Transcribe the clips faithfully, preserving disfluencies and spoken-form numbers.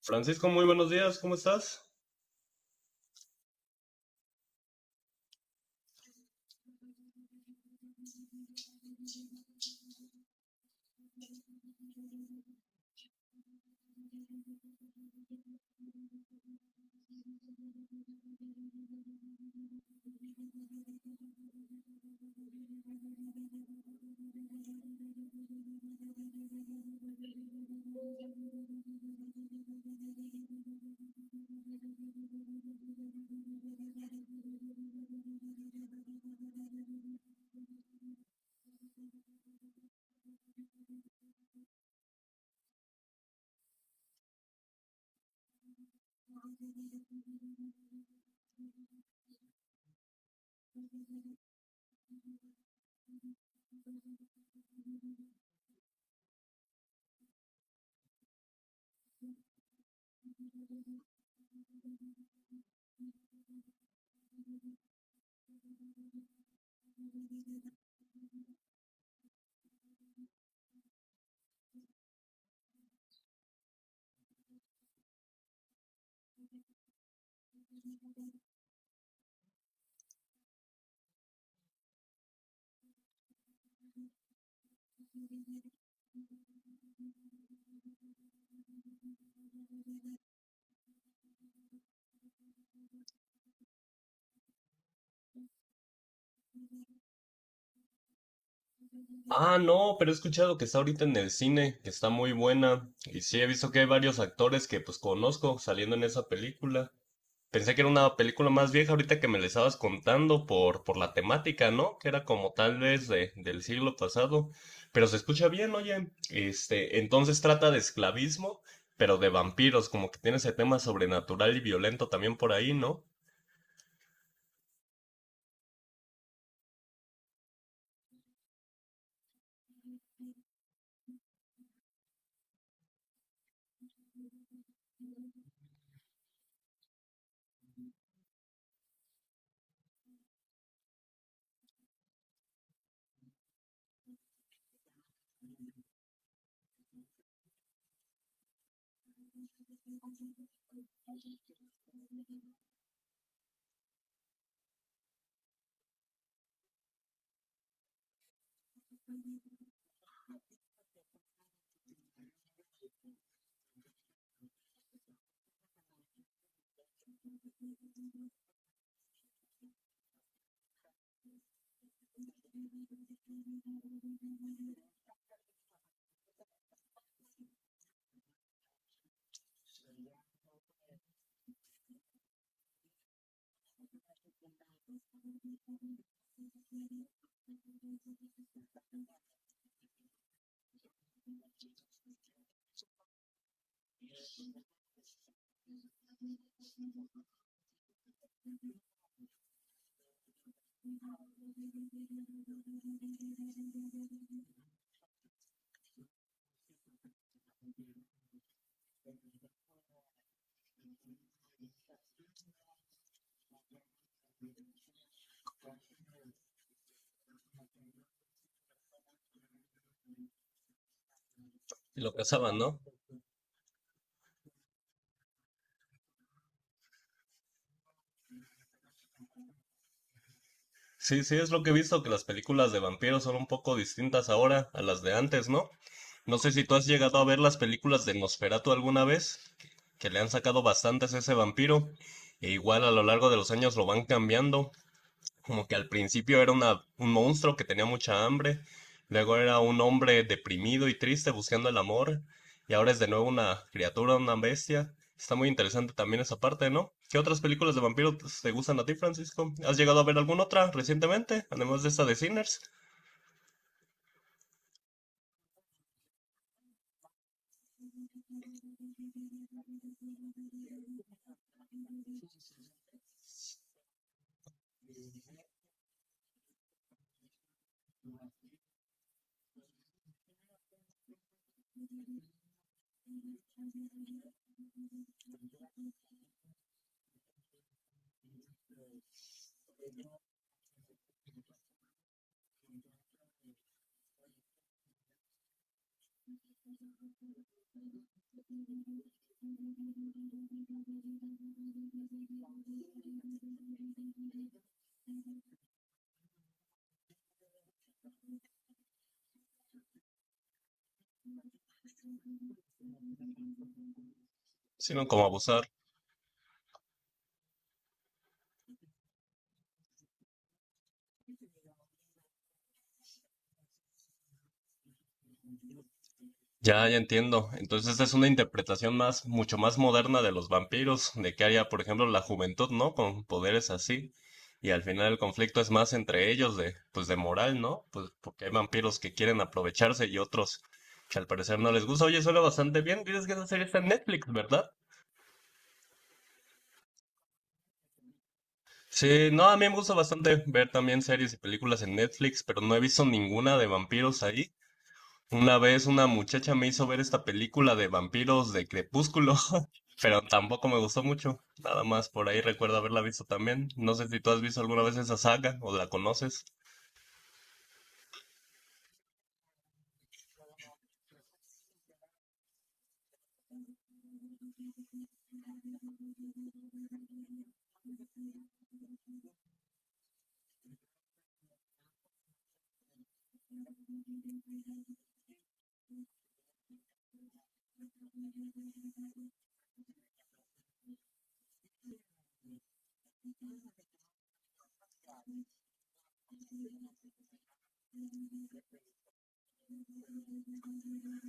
Francisco, muy buenos días, ¿cómo estás? Ah, no, pero he escuchado que está ahorita en el cine, que está muy buena. Y sí, he visto que hay varios actores que pues conozco saliendo en esa película. Pensé que era una película más vieja ahorita que me la estabas contando por, por la temática, ¿no? Que era como tal vez de, del siglo pasado. Pero se escucha bien, oye. Este, entonces trata de esclavismo, pero de vampiros, como que tiene ese tema sobrenatural y violento también por ahí, ¿no? Y lo cazaban, ¿no? Sí, sí, es lo que he visto, que las películas de vampiros son un poco distintas ahora a las de antes, ¿no? No sé si tú has llegado a ver las películas de Nosferatu alguna vez, que le han sacado bastantes a ese vampiro, e igual a lo largo de los años lo van cambiando. Como que al principio era una- un monstruo que tenía mucha hambre, luego era un hombre deprimido y triste buscando el amor, y ahora es de nuevo una criatura, una bestia. Está muy interesante también esa parte, ¿no? ¿Qué otras películas de vampiros te gustan a ti, Francisco? ¿Has llegado a ver alguna otra recientemente, además de esta de Sinners? Sino como abusar. Ya, ya entiendo. Entonces es una interpretación más, mucho más moderna de los vampiros, de qué haría, por ejemplo, la juventud, ¿no? Con poderes así. Y al final el conflicto es más entre ellos de, pues de moral, ¿no? Pues porque hay vampiros que quieren aprovecharse y otros que al parecer no les gusta. Oye, suena bastante bien. Tienes que esa serie está en Netflix, ¿verdad? Sí, no, a mí me gusta bastante ver también series y películas en Netflix, pero no he visto ninguna de vampiros ahí. Una vez una muchacha me hizo ver esta película de vampiros de Crepúsculo, pero tampoco me gustó mucho. Nada más por ahí recuerdo haberla visto también. No sé si tú has visto alguna vez esa saga o la conoces.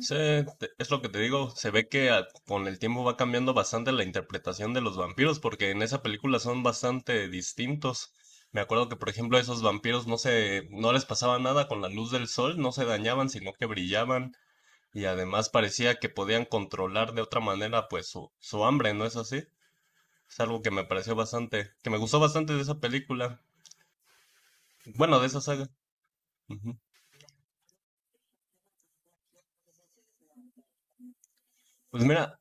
Sí, te- es lo que te digo, se ve que a- con el tiempo va cambiando bastante la interpretación de los vampiros, porque en esa película son bastante distintos. Me acuerdo que, por ejemplo, a esos vampiros no se, no les pasaba nada con la luz del sol, no se dañaban, sino que brillaban. Y además parecía que podían controlar de otra manera pues su, su hambre, ¿no es así? Es algo que me pareció bastante, que me gustó bastante de esa película. Bueno, de esa saga. Ujú. Pues mira,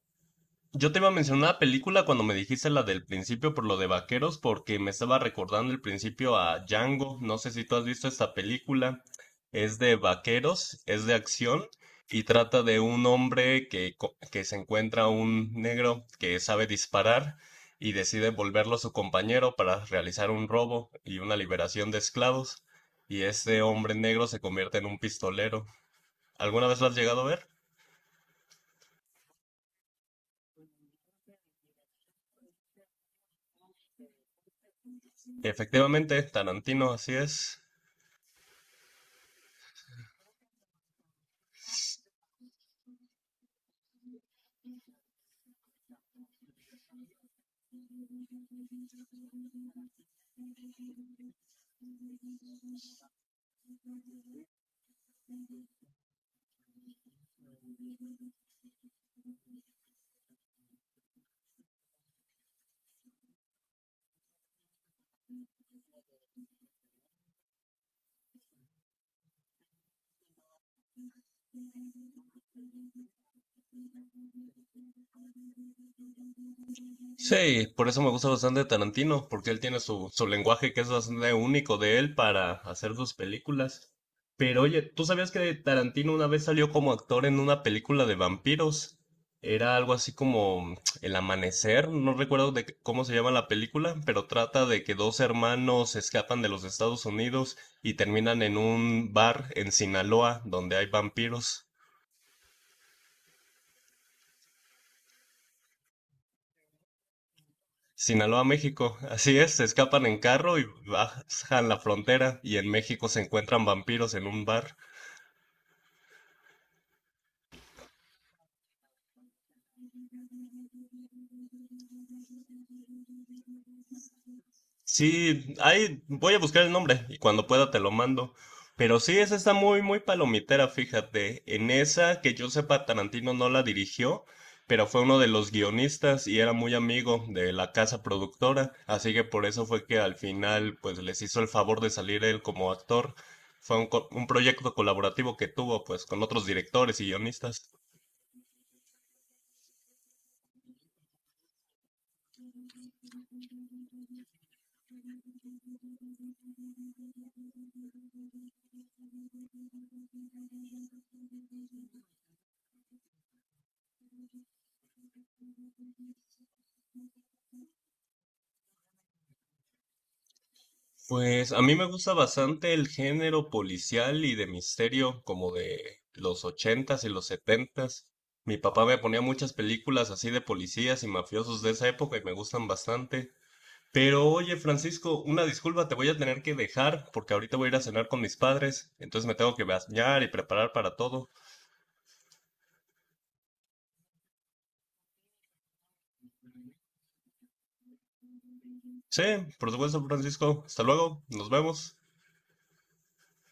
yo te iba a mencionar una película cuando me dijiste la del principio por lo de vaqueros, porque me estaba recordando el principio a Django. No sé si tú has visto esta película. Es de vaqueros, es de acción y trata de un hombre que, co- que se encuentra un negro que sabe disparar y decide volverlo su compañero para realizar un robo y una liberación de esclavos. Y ese hombre negro se convierte en un pistolero. ¿Alguna vez lo has llegado a ver? Efectivamente, Tarantino, así es. Sí, por eso me gusta bastante Tarantino, porque él tiene su, su lenguaje que es bastante único de él para hacer sus películas. Pero oye, ¿tú sabías que Tarantino una vez salió como actor en una película de vampiros? Era algo así como El Amanecer, no recuerdo de qué- cómo se llama la película, pero trata de que dos hermanos se escapan de los Estados Unidos y terminan en un bar en Sinaloa donde hay vampiros. Sinaloa, México. Así es, se escapan en carro y bajan la frontera y en México se encuentran vampiros en un bar. Sí, ahí voy a buscar el nombre y cuando pueda te lo mando. Pero sí, esa está muy, muy palomitera, fíjate. En esa, que yo sepa, Tarantino no la dirigió, pero fue uno de los guionistas y era muy amigo de la casa productora, así que por eso fue que al final, pues les hizo el favor de salir él como actor. Fue un, co- un proyecto colaborativo que tuvo, pues, con otros directores y guionistas. Pues a mí me gusta bastante el género policial y de misterio, como de los ochentas y los setentas. Mi papá me ponía muchas películas así de policías y mafiosos de esa época y me gustan bastante. Pero oye, Francisco, una disculpa, te voy a tener que dejar porque ahorita voy a ir a cenar con mis padres, entonces me tengo que bañar y preparar para todo. Sí, por supuesto, Francisco. Hasta luego, nos vemos.